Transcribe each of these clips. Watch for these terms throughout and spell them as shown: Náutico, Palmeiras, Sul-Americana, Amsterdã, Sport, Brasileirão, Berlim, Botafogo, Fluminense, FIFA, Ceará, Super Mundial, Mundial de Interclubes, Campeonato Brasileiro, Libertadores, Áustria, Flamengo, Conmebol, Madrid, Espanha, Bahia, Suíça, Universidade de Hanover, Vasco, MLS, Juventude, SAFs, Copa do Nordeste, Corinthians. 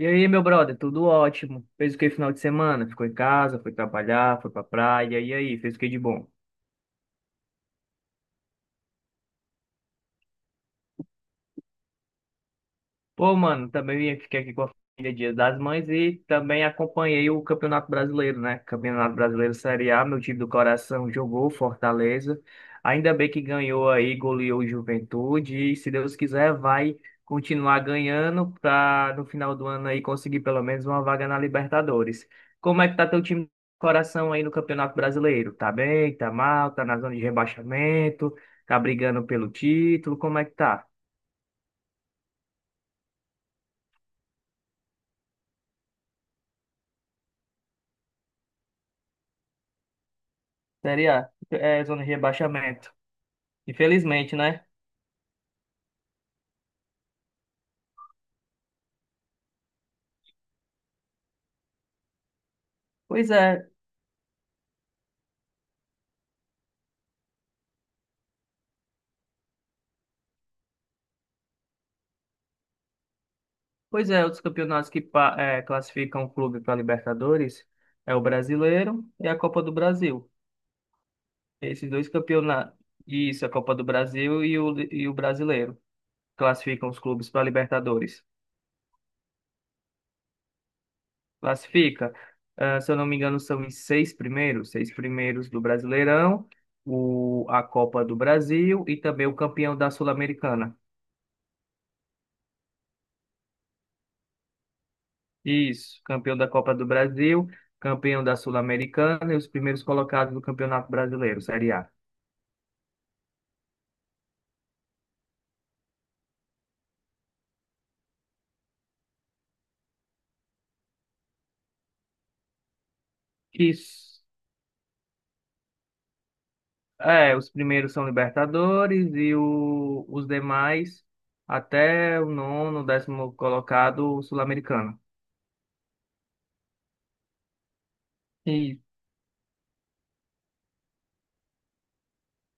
E aí, meu brother, tudo ótimo? Fez o que final de semana? Ficou em casa, foi trabalhar, foi pra praia, e aí, fez o que de bom? Pô, mano, também fiquei aqui com a família Dia das Mães e também acompanhei o Campeonato Brasileiro, né? Campeonato Brasileiro Série A, meu time do coração jogou Fortaleza. Ainda bem que ganhou aí, goleou o Juventude e se Deus quiser vai continuar ganhando para no final do ano aí conseguir pelo menos uma vaga na Libertadores. Como é que tá teu time do coração aí no Campeonato Brasileiro? Tá bem? Tá mal? Tá na zona de rebaixamento? Tá brigando pelo título? Como é que tá? Série A, é, zona de rebaixamento. Infelizmente, né? Pois é, pois é, outros campeonatos que classificam o clube para Libertadores é o Brasileiro e a Copa do Brasil. Esses dois campeonatos, isso, a Copa do Brasil e o Brasileiro, classificam os clubes para Libertadores. Classifica, se eu não me engano, são os seis primeiros do Brasileirão, a Copa do Brasil e também o campeão da Sul-Americana. Isso, campeão da Copa do Brasil, campeão da Sul-Americana e os primeiros colocados do Campeonato Brasileiro, Série A. Isso. É, os primeiros são Libertadores e os demais até o nono, décimo colocado Sul-Americano. E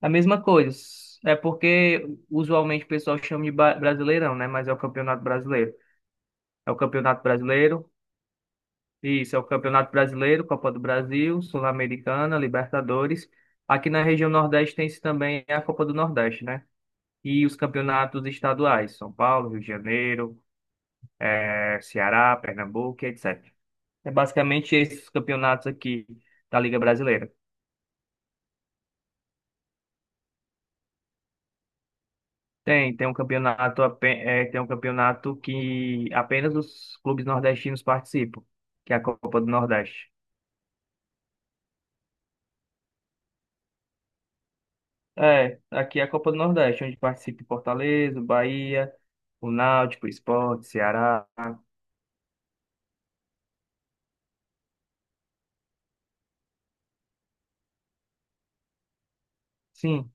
a mesma coisa. É porque usualmente o pessoal chama de Brasileirão, né? Mas é o Campeonato Brasileiro. É o Campeonato Brasileiro. Isso, é o Campeonato Brasileiro, Copa do Brasil, Sul-Americana, Libertadores. Aqui na região Nordeste tem-se também a Copa do Nordeste, né? E os campeonatos estaduais, São Paulo, Rio de Janeiro, Ceará, Pernambuco, etc. É basicamente esses campeonatos aqui da Liga Brasileira. Tem um campeonato que apenas os clubes nordestinos participam, que é a Copa do Nordeste. É, aqui é a Copa do Nordeste, onde participa Fortaleza, Bahia, o Náutico, o Sport, Ceará. Sim,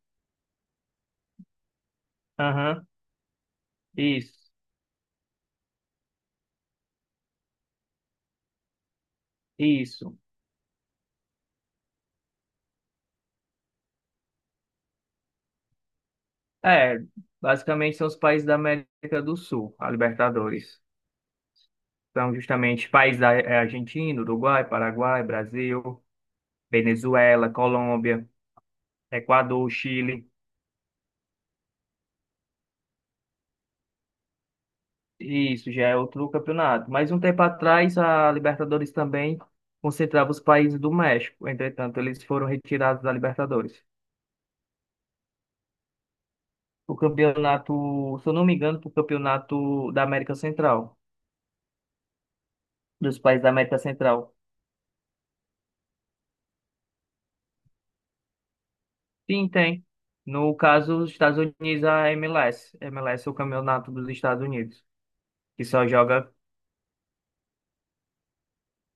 aham, isso, isso. É, basicamente são os países da América do Sul, a Libertadores. São justamente países: Argentina, Uruguai, Paraguai, Brasil, Venezuela, Colômbia, Equador, Chile. Isso já é outro campeonato. Mas um tempo atrás, a Libertadores também concentrava os países do México. Entretanto, eles foram retirados da Libertadores. O campeonato, se eu não me engano, pro campeonato da América Central, dos países da América Central. Sim, tem. No caso, os Estados Unidos, a MLS. MLS é o campeonato dos Estados Unidos, que só joga,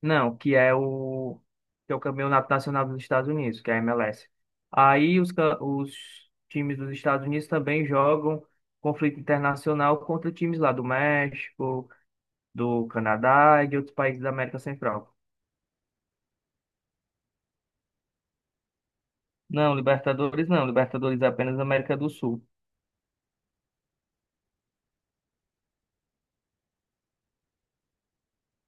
não, que é o campeonato nacional dos Estados Unidos, que é a MLS. Aí os times dos Estados Unidos também jogam conflito internacional contra times lá do México, do Canadá e de outros países da América Central. Não, Libertadores não. Libertadores é apenas América do Sul.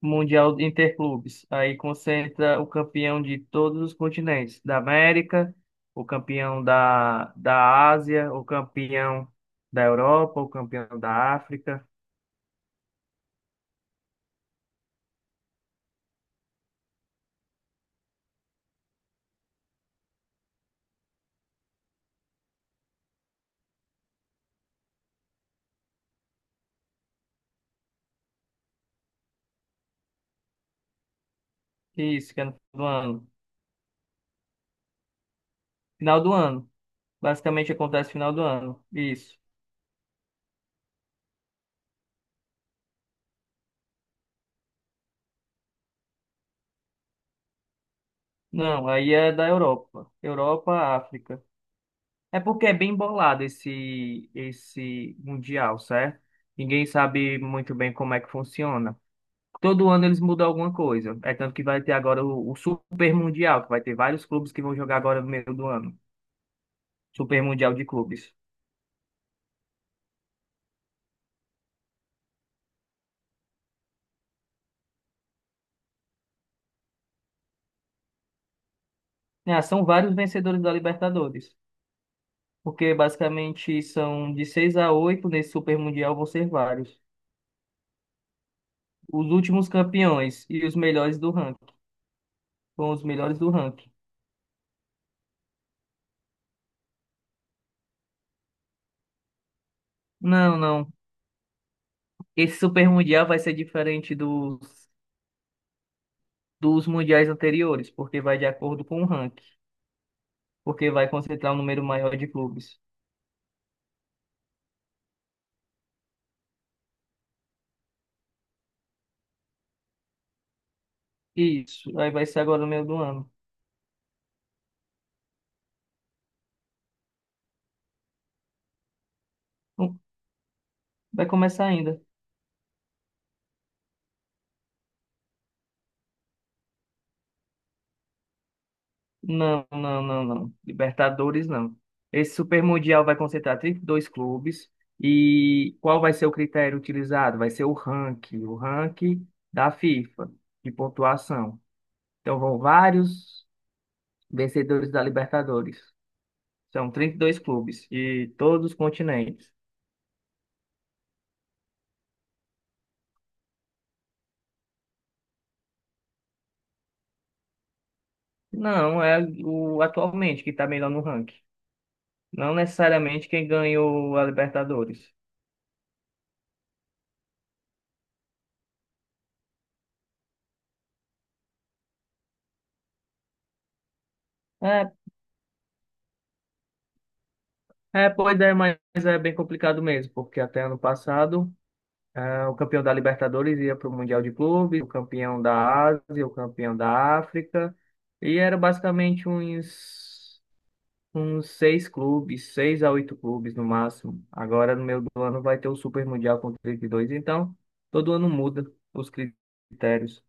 Mundial de Interclubes. Aí concentra o campeão de todos os continentes. Da América, o campeão da Ásia, o campeão da Europa, o campeão da África. Isso, que é no final do ano. Final do ano. Basicamente acontece no final do ano. Isso. Não, aí é da Europa. Europa, África. É porque é bem bolado esse mundial, certo? Ninguém sabe muito bem como é que funciona. Todo ano eles mudam alguma coisa. É tanto que vai ter agora o Super Mundial, que vai ter vários clubes que vão jogar agora no meio do ano. Super Mundial de clubes. É, são vários vencedores da Libertadores. Porque basicamente são de 6 a 8 nesse Super Mundial vão ser vários. Os últimos campeões e os melhores do ranking. Com os melhores do ranking. Não, não. Esse Super Mundial vai ser diferente dos mundiais anteriores, porque vai de acordo com o ranking, porque vai concentrar um número maior de clubes. Isso, aí vai ser agora no meio do ano. Hum, Vai começar ainda. Não, não, não, não. Libertadores, não. Esse Super Mundial vai concentrar 32 clubes. E qual vai ser o critério utilizado? Vai ser o ranking da FIFA, de pontuação. Então vão vários vencedores da Libertadores. São 32 clubes de todos os continentes. Não, é o atualmente que está melhor no ranking. Não necessariamente quem ganhou a Libertadores. É, Pois é, mas é bem complicado mesmo, porque até ano passado, o campeão da Libertadores ia para o Mundial de Clubes, o campeão da Ásia, o campeão da África, e era basicamente uns seis clubes, seis a oito clubes no máximo. Agora, no meio do ano, vai ter o Super Mundial com 32. Então todo ano muda os critérios.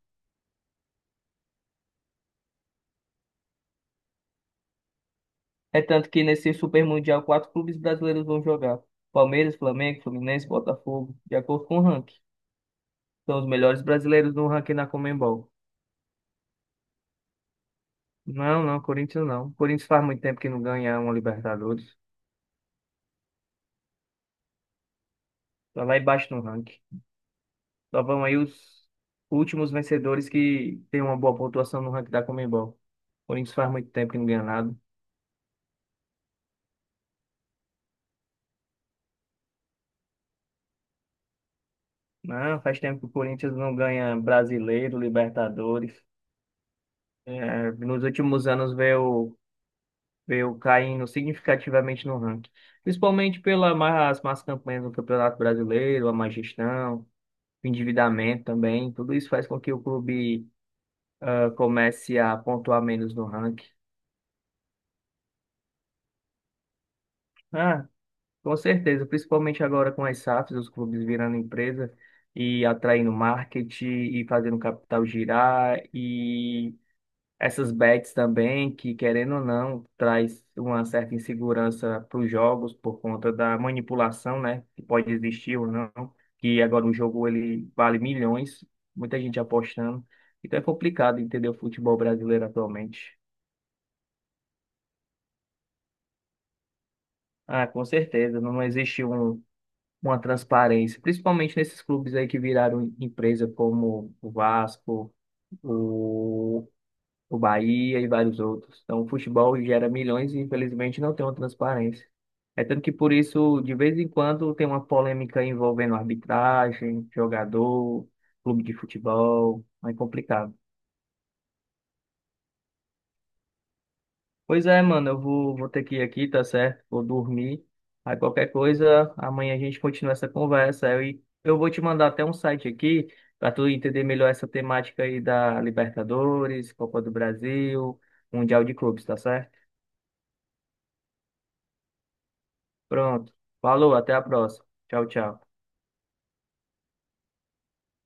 É tanto que nesse Super Mundial, quatro clubes brasileiros vão jogar: Palmeiras, Flamengo, Fluminense, Botafogo, de acordo com o ranking. São os melhores brasileiros no ranking na Conmebol. Não, não, Corinthians não. Corinthians faz muito tempo que não ganha uma Libertadores. Tá lá embaixo no ranking. Só vão aí os últimos vencedores que têm uma boa pontuação no ranking da Conmebol. Corinthians faz muito tempo que não ganha nada. Não, faz tempo que o Corinthians não ganha brasileiro, Libertadores. É, nos últimos anos veio. Veio caindo significativamente no ranking, principalmente pelas más, más campanhas no Campeonato Brasileiro, a má gestão, o endividamento também, tudo isso faz com que o clube comece a pontuar menos no ranking. Ah, com certeza, principalmente agora com as SAFs, os clubes virando empresa e atraindo marketing e fazendo o capital girar e essas bets também, que querendo ou não, traz uma certa insegurança para os jogos por conta da manipulação, né? Que pode existir ou não, que agora o jogo ele vale milhões, muita gente apostando. Então é complicado entender o futebol brasileiro atualmente. Ah, com certeza, não existe um, uma transparência, principalmente nesses clubes aí que viraram empresa como o Vasco, o o Bahia e vários outros. Então, o futebol gera milhões e, infelizmente, não tem uma transparência. É tanto que, por isso, de vez em quando tem uma polêmica envolvendo arbitragem, jogador, clube de futebol. É complicado. Pois é, mano, eu vou ter que ir aqui, tá certo? Vou dormir. Aí, qualquer coisa, amanhã a gente continua essa conversa. Eu vou te mandar até um site aqui para tu entender melhor essa temática aí da Libertadores, Copa do Brasil, Mundial de Clubes, tá certo? Pronto. Falou, até a próxima. Tchau, tchau.